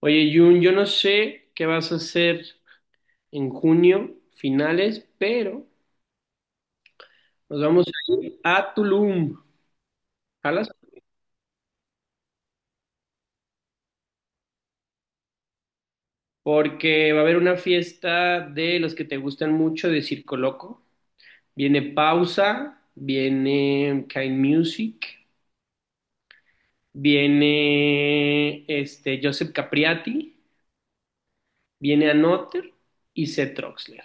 Oye, Jun, yo no sé qué vas a hacer en junio, finales, pero nos vamos a ir a Tulum, ¿jalas? Porque va a haber una fiesta de los que te gustan mucho de Circo Loco. Viene Pausa, viene Kind Music, viene Joseph Capriati, viene Anotter y Seth Troxler.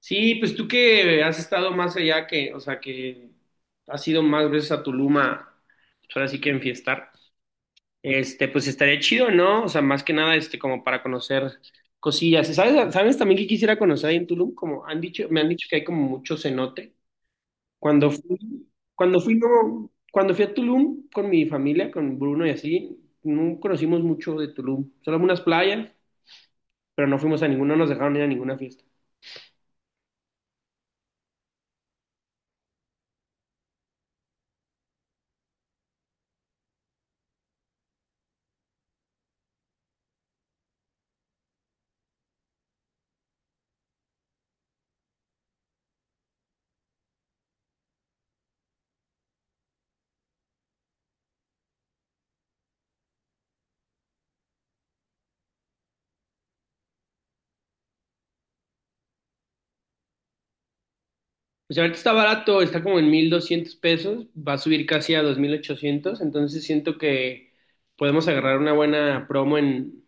Sí, pues tú que has estado más allá que, o sea, que has ido más veces a Tulum pues, ahora sí que enfiestar, pues estaría chido, ¿no? O sea, más que nada, como para conocer cosillas. ¿Sabes también que quisiera conocer ahí en Tulum? Me han dicho que hay como mucho cenote. Cuando fui, cuando fui, no, Cuando fui a Tulum con mi familia, con Bruno y así, no conocimos mucho de Tulum. Solo unas playas, pero no fuimos a ninguna, no nos dejaron ir a ninguna fiesta. Pues ahorita está barato, está como en 1,200 pesos, va a subir casi a 2,800, entonces siento que podemos agarrar una buena promo en,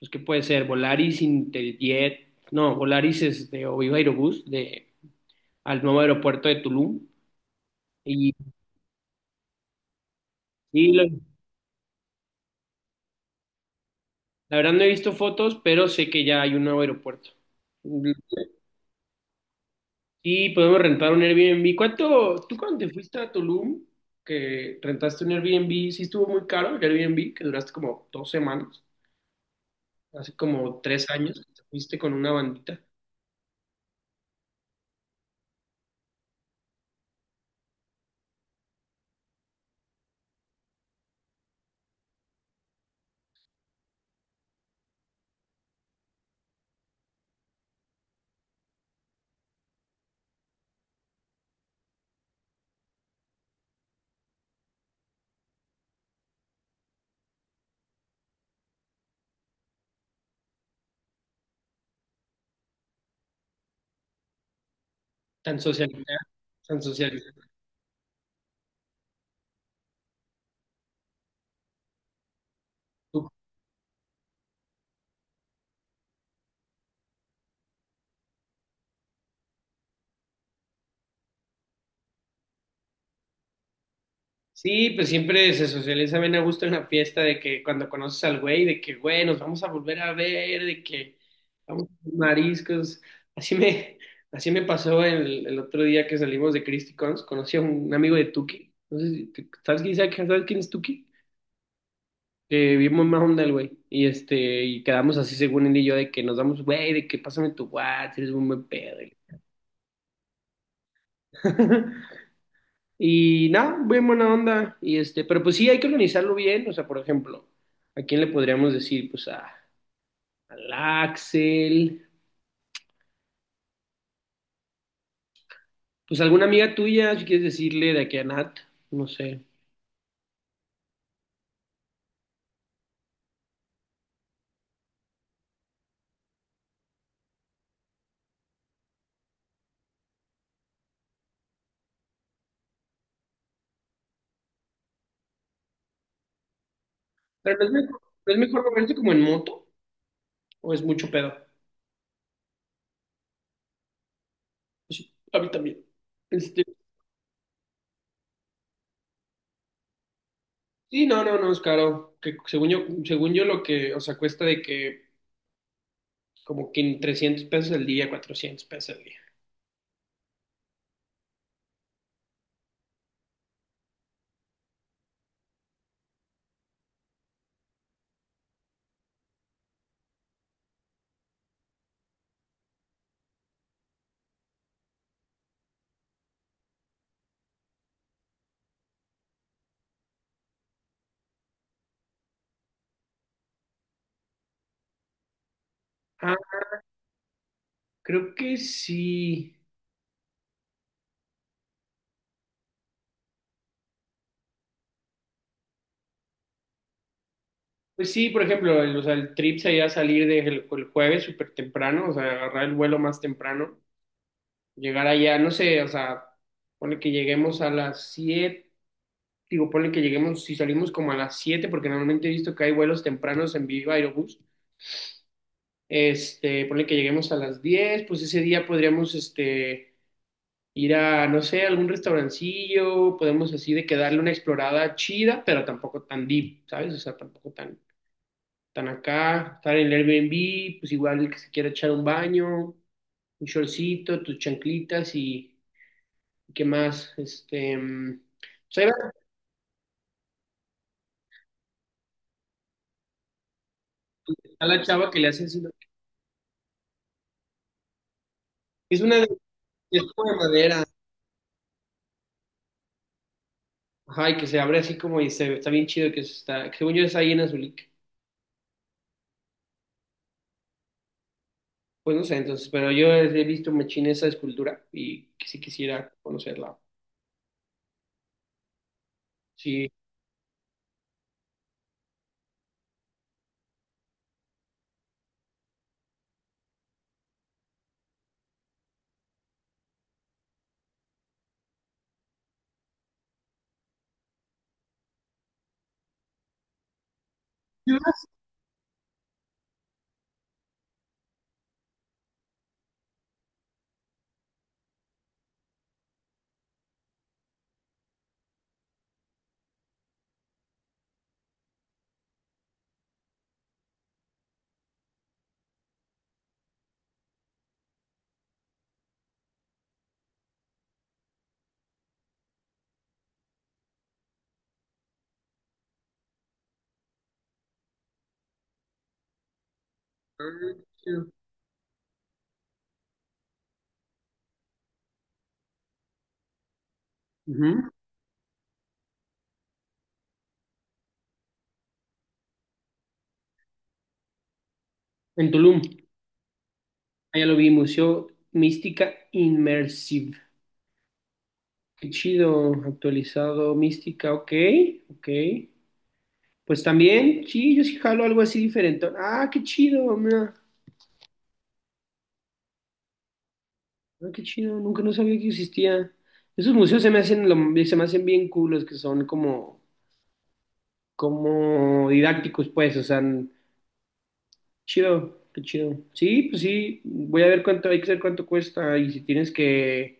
pues qué puede ser, Volaris, Interjet, no, Volaris es de o Viva Aerobús, de, al nuevo aeropuerto de Tulum. Y, y lo- la verdad no he visto fotos, pero sé que ya hay un nuevo aeropuerto. Y podemos rentar un Airbnb. ¿Cuánto, tú cuando te fuiste a Tulum, que rentaste un Airbnb, sí estuvo muy caro el Airbnb, que duraste como 2 semanas? Hace como 3 años, que te fuiste con una bandita tan socializada, tan socializada. Tú- Sí, pues siempre se socializa bien a gusto en la fiesta de que cuando conoces al güey, de que, güey, nos vamos a volver a ver, de que vamos a comer mariscos. Así me, así me pasó el otro día que salimos de Christy Cons, conocí a un amigo de Tuki. No sé si, te- ¿Sabes quién es Tuki? Bien mamá onda el güey. Y quedamos así según él y yo de que nos damos, güey, de que pásame tu WhatsApp, eres un buen pedo. Y nada, bien buena onda. Y pero pues sí, hay que organizarlo bien. O sea, por ejemplo, ¿a quién le podríamos decir? Pues al Axel, pues alguna amiga tuya, si quieres decirle de aquí a Nat, no sé. Pero ¿no es mejor moverse como en moto o es mucho pedo? Pues, a mí también. Este, sí, no, no, no, es caro. Que según yo lo que, o sea, cuesta de que como que en 300 pesos el día, 400 pesos el día. Ah, creo que sí. Pues sí, por ejemplo, el, o sea, el trip sería salir desde el jueves súper temprano, o sea, agarrar el vuelo más temprano, llegar allá, no sé, o sea, ponle que lleguemos a las 7:00 digo, ponle que lleguemos, si salimos como a las 7:00 porque normalmente he visto que hay vuelos tempranos en Viva Aerobús, ponle que lleguemos a las 10:00 pues ese día podríamos, ir a, no sé, algún restaurancillo, podemos así de que darle una explorada chida, pero tampoco tan deep, ¿sabes? O sea, tampoco tan están acá, están en el Airbnb, pues igual el que se quiera echar un baño, un shortcito, tus chanclitas y qué más, pues ahí va a la chava que le hace así, ¿no? Es una de, es como de madera, ajá, y que se abre así como y se, está bien chido que se está, que según yo es ahí en Azulik, pues no sé, entonces, pero yo he visto machín esa escultura y que sí quisiera conocerla, sí. Ah, chido. Ujú. En Tulum, allá lo vi, Museo Mística immersive. Qué chido, actualizado, mística, ok, ok. Pues también, sí, yo sí jalo algo así diferente. Ah, qué chido, mira. Ah, qué chido, nunca no sabía que existía. Esos museos se me hacen, se me hacen bien cool, los que son como, como didácticos, pues, o sea, chido, qué chido. Sí, pues sí, voy a ver cuánto, hay que ver cuánto cuesta y si tienes que,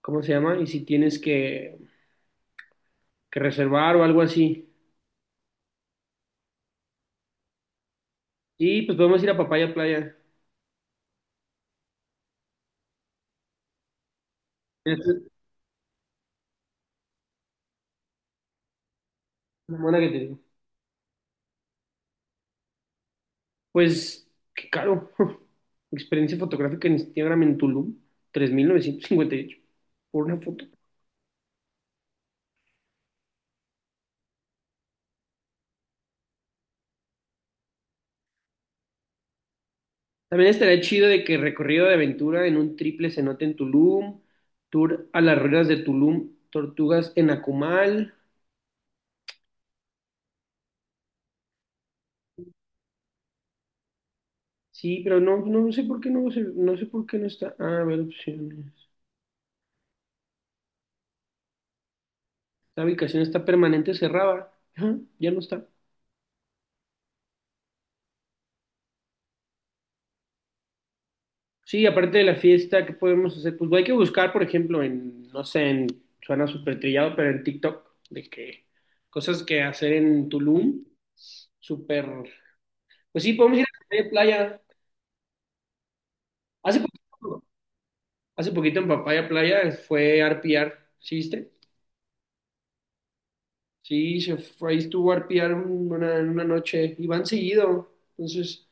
¿cómo se llama? Y si tienes que, reservar o algo así. Y pues podemos ir a Papaya Playa. Este, Una buena que te digo. Pues, qué caro. Experiencia fotográfica en Instagram en Tulum, 3,958 por una foto. También estaría chido de que recorrido de aventura en un triple cenote en Tulum, tour a las ruinas de Tulum, tortugas en Akumal. Sí, pero no, no sé por qué no, no sé por qué no está. Ah, a ver, opciones. La ubicación está permanente cerrada. Ajá, ya no está. Sí, aparte de la fiesta, ¿qué podemos hacer? Pues hay que buscar, por ejemplo, en, no sé, en, suena súper trillado, pero en TikTok, de que cosas que hacer en Tulum, súper, pues sí, podemos ir a Papaya Playa. Hace poquito, hace poquito en Papaya Playa fue arpear, ¿sí viste? Sí, se fue, ahí estuvo arpear una noche y van seguido, entonces,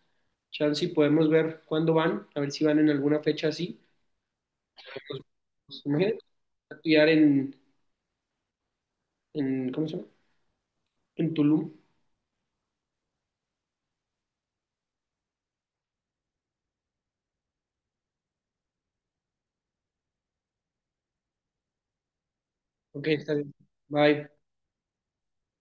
chance y podemos ver cuándo van, a ver si van en alguna fecha así. Pues, imagínate, arpear en, ¿cómo se llama? En Tulum. Ok, está bien. Bye.